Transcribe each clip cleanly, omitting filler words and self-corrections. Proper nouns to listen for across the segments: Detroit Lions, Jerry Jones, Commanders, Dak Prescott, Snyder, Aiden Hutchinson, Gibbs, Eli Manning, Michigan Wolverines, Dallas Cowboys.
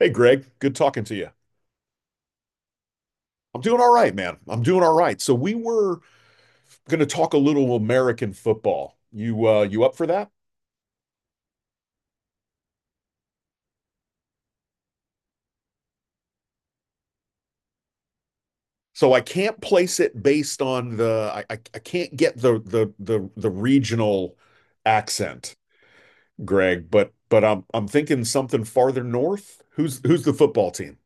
Hey, Greg, good talking to you. I'm doing all right, man. I'm doing all right. So we were going to talk a little American football. You you up for that? So I can't place it based on the I can't get the the regional accent, Greg, but I'm thinking something farther north. Who's the football team?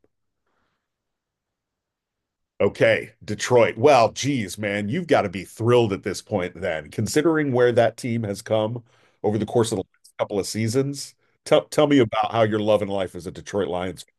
Okay, Detroit. Well, geez, man, you've got to be thrilled at this point then, considering where that team has come over the course of the last couple of seasons. Tell me about how you're loving life as a Detroit Lions fan.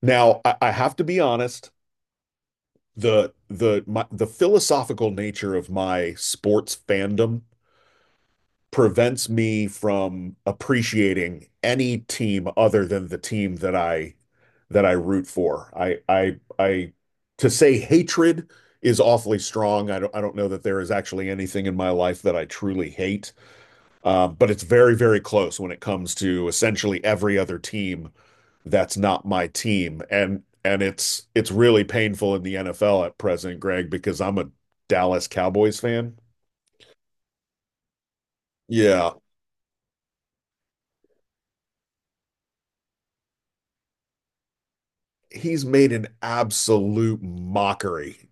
Now, I have to be honest, the philosophical nature of my sports fandom prevents me from appreciating any team other than the team that I root for. I to say hatred is awfully strong. I don't know that there is actually anything in my life that I truly hate. But it's very, very close when it comes to essentially every other team that's not my team. And it's really painful in the NFL at present, Greg, because I'm a Dallas Cowboys fan. Yeah, he's made an absolute mockery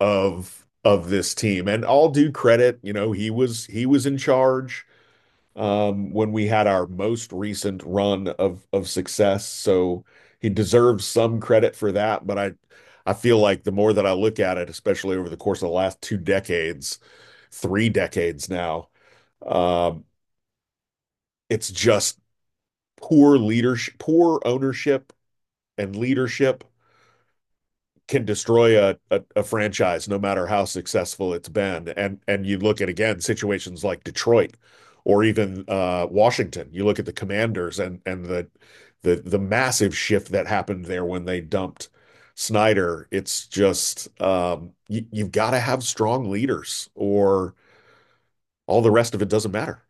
of this team. And all due credit, you know, he was in charge when we had our most recent run of success. So he deserves some credit for that. But I feel like the more that I look at it, especially over the course of the last two decades, three decades now, um, it's just poor leadership, poor ownership and leadership can destroy a franchise no matter how successful it's been. And you look at again situations like Detroit or even Washington. You look at the Commanders and the massive shift that happened there when they dumped Snyder. It's just you, you've got to have strong leaders, or all the rest of it doesn't matter.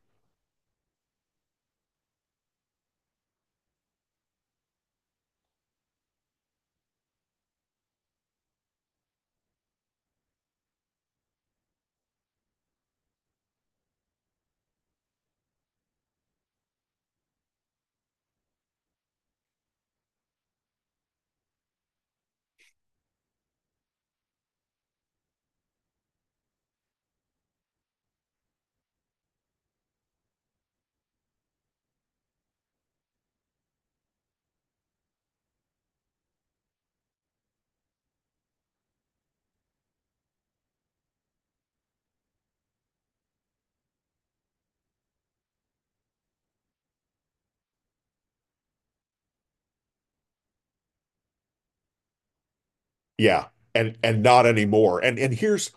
Yeah, and not anymore. And here's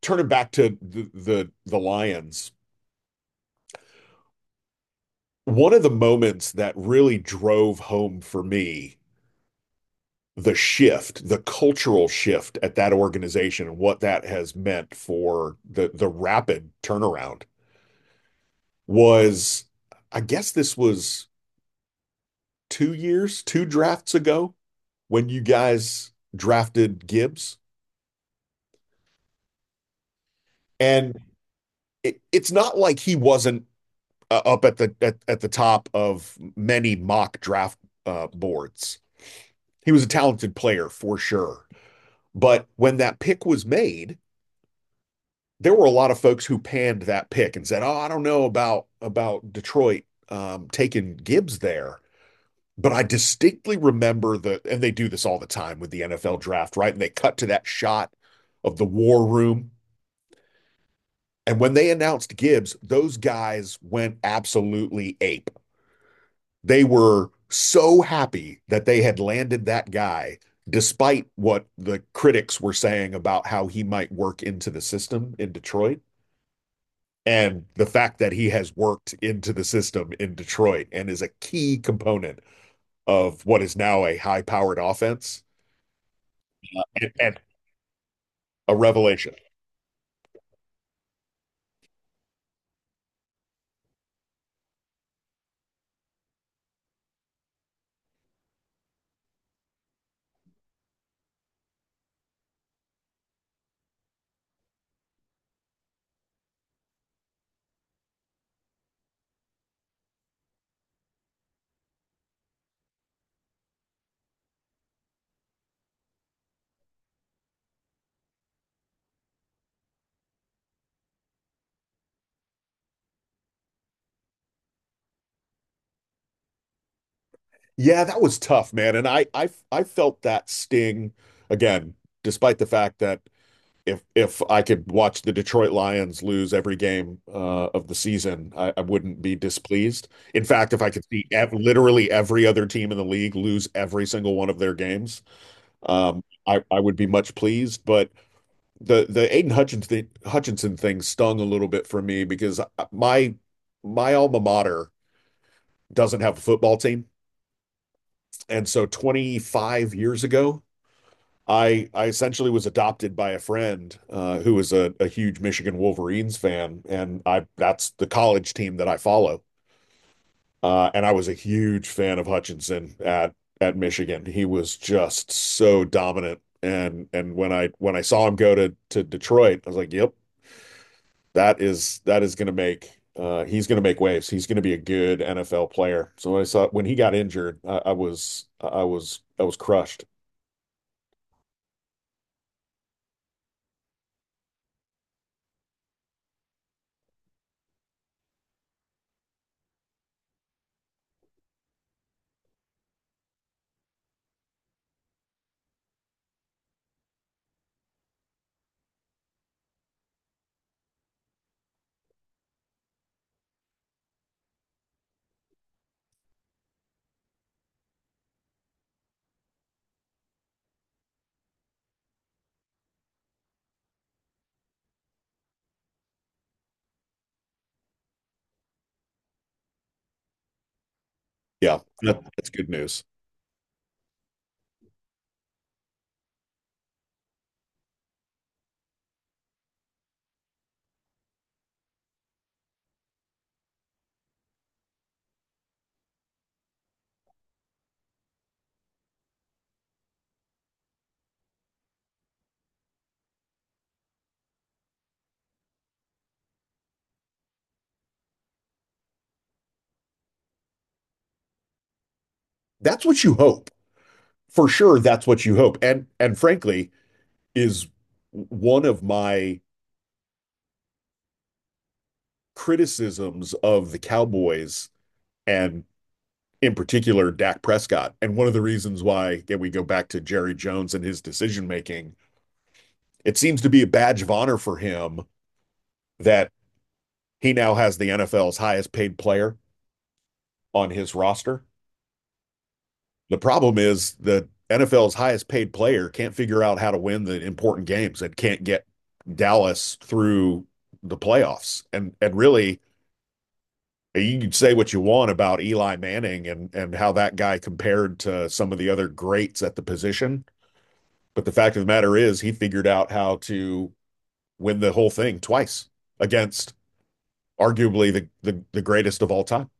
turning back to the Lions. One of the moments that really drove home for me the shift, the cultural shift at that organization and what that has meant for the rapid turnaround was I guess this was 2 years, two drafts ago when you guys drafted Gibbs. And it's not like he wasn't up at the at the top of many mock draft boards. He was a talented player for sure. But when that pick was made, there were a lot of folks who panned that pick and said, "Oh, I don't know about Detroit taking Gibbs there." But I distinctly remember the, and they do this all the time with the NFL draft, right? And they cut to that shot of the war room. And when they announced Gibbs, those guys went absolutely ape. They were so happy that they had landed that guy, despite what the critics were saying about how he might work into the system in Detroit and the fact that he has worked into the system in Detroit and is a key component of what is now a high powered offense and a revelation. Yeah, that was tough, man. And I felt that sting again, despite the fact that if I could watch the Detroit Lions lose every game of the season, wouldn't be displeased. In fact, if I could see literally every other team in the league lose every single one of their games, um, I would be much pleased. But the Aiden Hutchinson thing stung a little bit for me because my my alma mater doesn't have a football team, and so 25 years ago, I essentially was adopted by a friend who was a huge Michigan Wolverines fan, and I that's the college team that I follow, and I was a huge fan of Hutchinson at Michigan. He was just so dominant. And when I saw him go to Detroit, I was like, "Yep, that is going to make he's going to make waves. He's going to be a good NFL player. So when he got injured, I was crushed. Yeah, that's good news. That's what you hope for sure. That's what you hope, and frankly, is one of my criticisms of the Cowboys and in particular Dak Prescott. And one of the reasons why, again, we go back to Jerry Jones and his decision making. It seems to be a badge of honor for him that he now has the NFL's highest paid player on his roster. The problem is the NFL's highest paid player can't figure out how to win the important games and can't get Dallas through the playoffs. And really, you can say what you want about Eli Manning and how that guy compared to some of the other greats at the position, but the fact of the matter is he figured out how to win the whole thing twice against arguably the greatest of all time.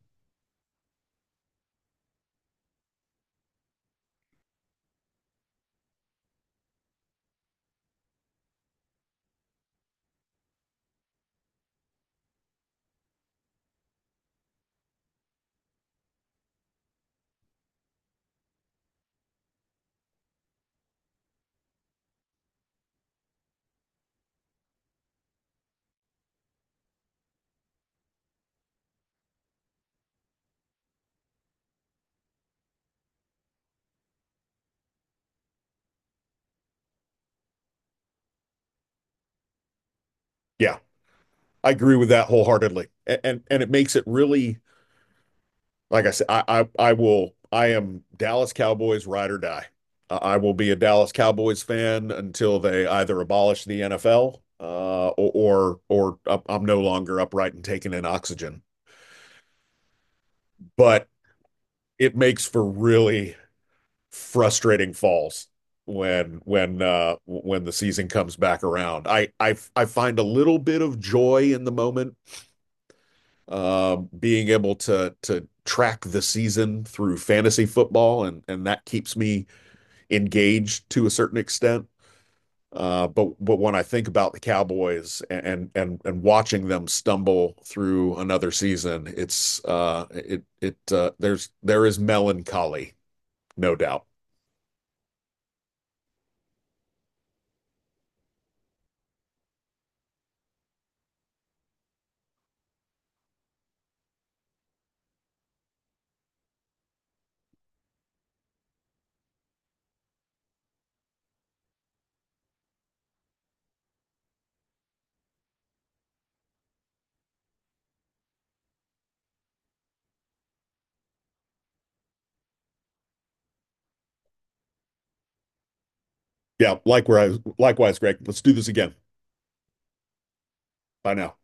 Yeah, I agree with that wholeheartedly. And it makes it really like I said, I am Dallas Cowboys ride or die. I will be a Dallas Cowboys fan until they either abolish the NFL or I'm no longer upright and taking in oxygen. But it makes for really frustrating falls when the season comes back around. I find a little bit of joy in the moment being able to track the season through fantasy football and that keeps me engaged to a certain extent. But when I think about the Cowboys and watching them stumble through another season, it's it it there's there is melancholy, no doubt. Yeah, likewise, likewise, Greg. Let's do this again. Bye now.